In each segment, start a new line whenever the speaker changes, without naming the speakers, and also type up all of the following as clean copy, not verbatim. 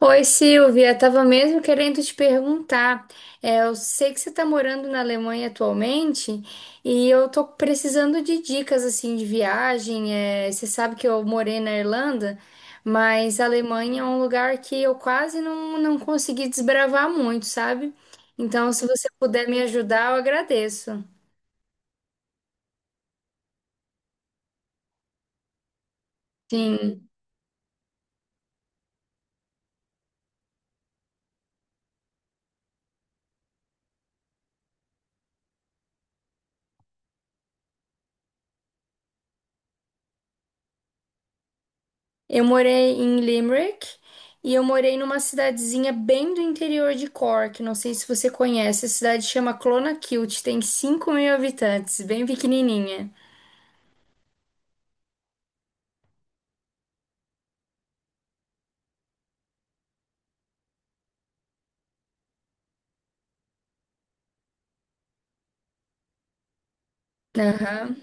Oi, Silvia, estava mesmo querendo te perguntar. Eu sei que você está morando na Alemanha atualmente e eu tô precisando de dicas assim de viagem. Você sabe que eu morei na Irlanda, mas a Alemanha é um lugar que eu quase não consegui desbravar muito, sabe? Então, se você puder me ajudar, eu agradeço. Sim. Eu morei em Limerick e eu morei numa cidadezinha bem do interior de Cork. Não sei se você conhece, a cidade chama Clonakilty, tem 5.000 habitantes, bem pequenininha. Aham.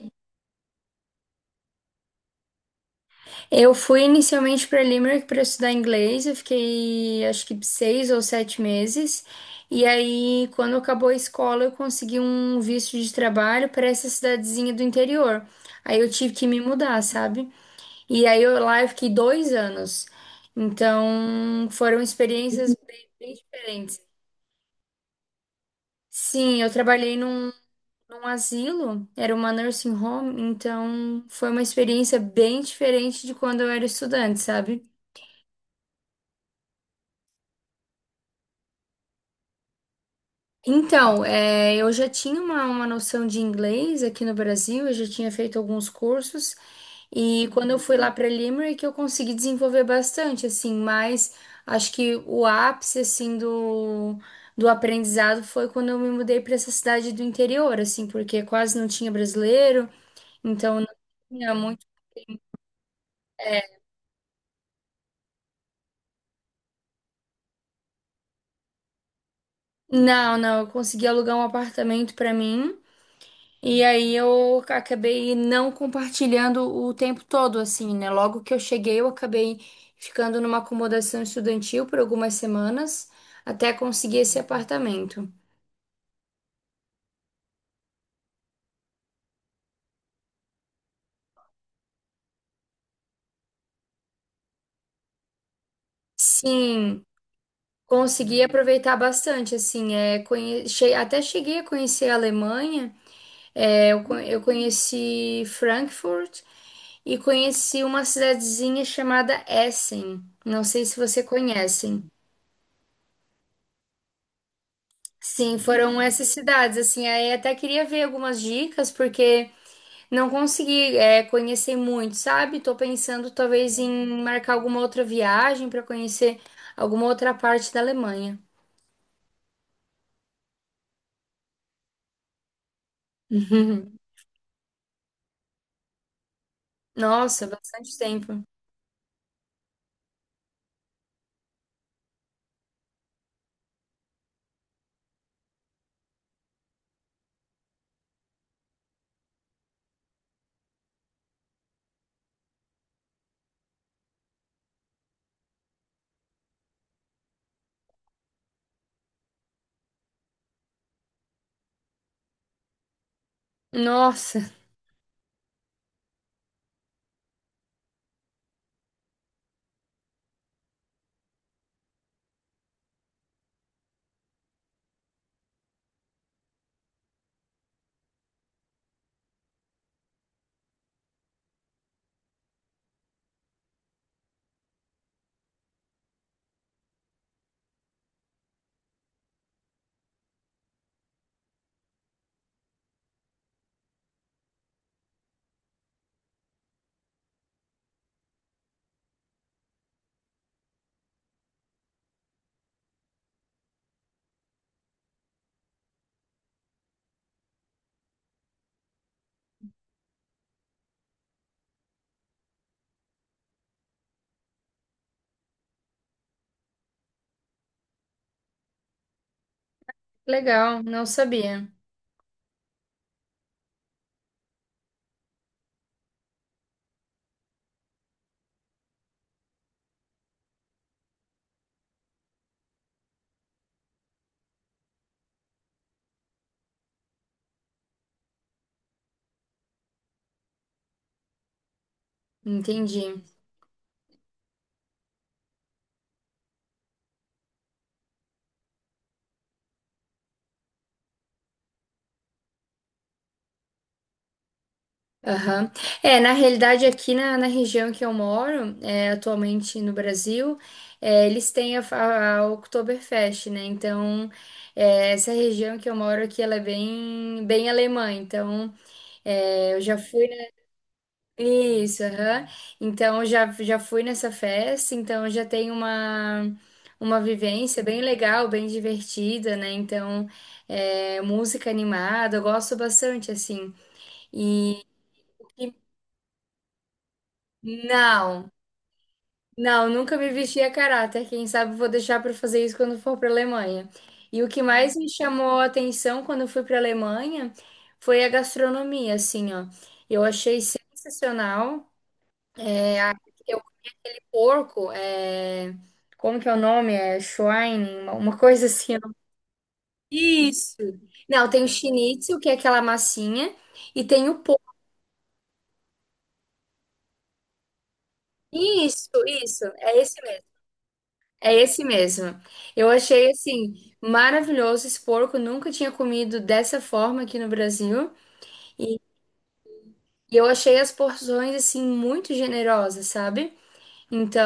Eu fui inicialmente para Limerick para estudar inglês, eu fiquei acho que 6 ou 7 meses. E aí, quando acabou a escola, eu consegui um visto de trabalho para essa cidadezinha do interior. Aí eu tive que me mudar, sabe? E aí eu lá eu fiquei 2 anos. Então foram experiências bem, bem diferentes. Sim, eu trabalhei num asilo, era uma nursing home, então foi uma experiência bem diferente de quando eu era estudante, sabe? Então, eu já tinha uma noção de inglês aqui no Brasil, eu já tinha feito alguns cursos. E quando eu fui lá para Limerick, eu consegui desenvolver bastante, assim, mas acho que o ápice, assim, do aprendizado foi quando eu me mudei para essa cidade do interior, assim, porque quase não tinha brasileiro, então não tinha muito. Não, não, eu consegui alugar um apartamento para mim. E aí eu acabei não compartilhando o tempo todo, assim, né? Logo que eu cheguei, eu acabei ficando numa acomodação estudantil por algumas semanas até conseguir esse apartamento. Sim, consegui aproveitar bastante, assim, até cheguei a conhecer a Alemanha, eu conheci Frankfurt e conheci uma cidadezinha chamada Essen, não sei se você conhece. Sim, foram essas cidades, assim, aí até queria ver algumas dicas, porque não consegui, conhecer muito, sabe? Tô pensando talvez em marcar alguma outra viagem para conhecer alguma outra parte da Alemanha. Nossa, bastante tempo. Nossa, legal, não sabia. Entendi. Aham. Na realidade, aqui na região que eu moro, atualmente no Brasil, eles têm a Oktoberfest, né? Então, essa região que eu moro aqui, ela é bem, bem alemã. Então, eu já fui. Isso, aham. Então já, já fui nessa festa, então já tem uma vivência bem legal, bem divertida, né? Então, música animada, eu gosto bastante, assim. E, e- não, não, nunca me vesti a caráter. Quem sabe vou deixar para fazer isso quando for para Alemanha. E o que mais me chamou a atenção quando eu fui para Alemanha foi a gastronomia, assim, ó. Eu achei sensacional. Porco, é... como que é o nome? É Schwein, uma coisa assim. Eu não- Isso. Não, tem o schnitzel, que é aquela massinha, e tem o porco. Isso, é esse mesmo. É esse mesmo. Eu achei assim maravilhoso esse porco, nunca tinha comido dessa forma aqui no Brasil, e eu achei as porções assim muito generosas, sabe? Então,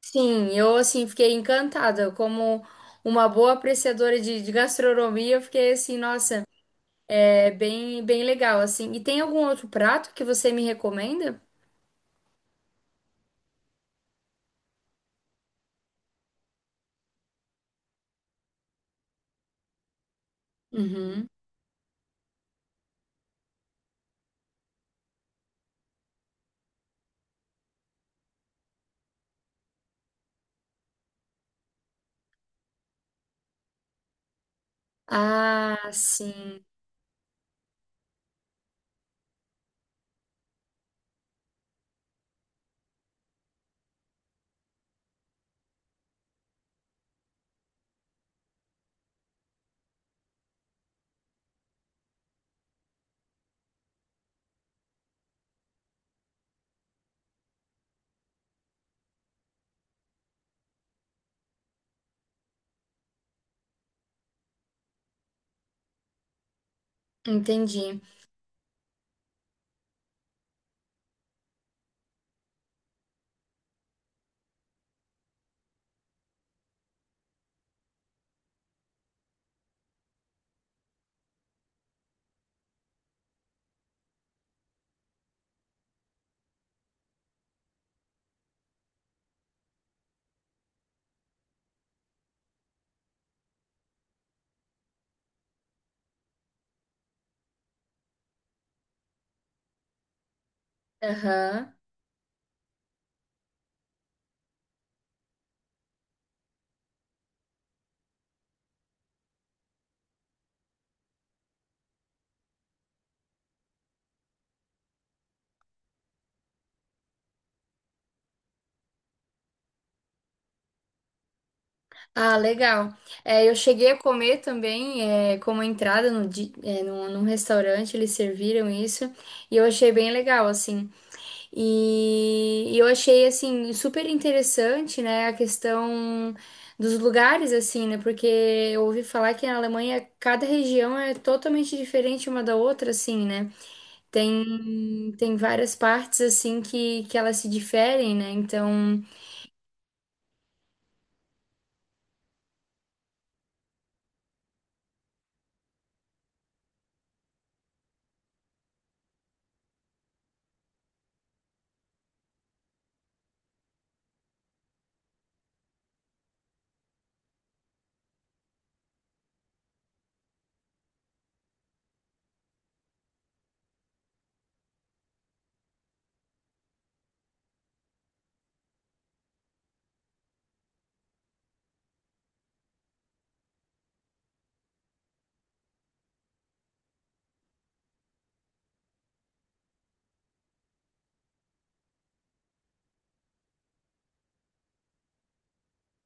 sim, eu assim fiquei encantada, como uma boa apreciadora de gastronomia, eu fiquei assim, nossa. É bem, bem legal, assim. E tem algum outro prato que você me recomenda? Uhum. Ah, sim, entendi. Aham. Ah, legal. É, eu cheguei a comer também, é, como entrada no, di- é, num, num restaurante, eles serviram isso, e eu achei bem legal, assim. E eu achei, assim, super interessante, né, a questão dos lugares, assim, né, porque eu ouvi falar que na Alemanha cada região é totalmente diferente uma da outra, assim, né. Tem, tem várias partes, assim, que elas se diferem, né, então...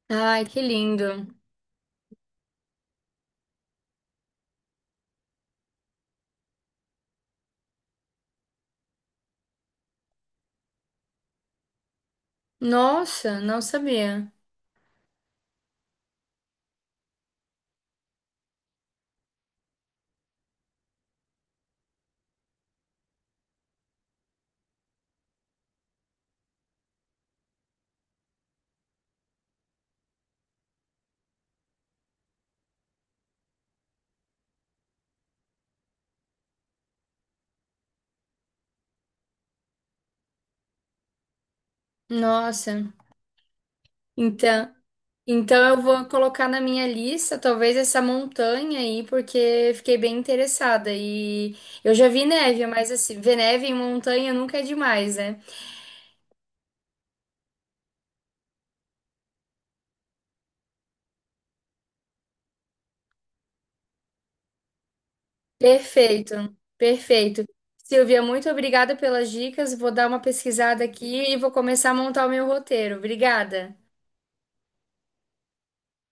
Ai, que lindo. Nossa, não sabia. Nossa, então, então eu vou colocar na minha lista, talvez essa montanha aí, porque fiquei bem interessada. E eu já vi neve, mas assim, ver neve em montanha nunca é demais, né? Perfeito, perfeito. Silvia, muito obrigada pelas dicas. Vou dar uma pesquisada aqui e vou começar a montar o meu roteiro. Obrigada.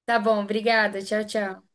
Tá bom, obrigada. Tchau, tchau.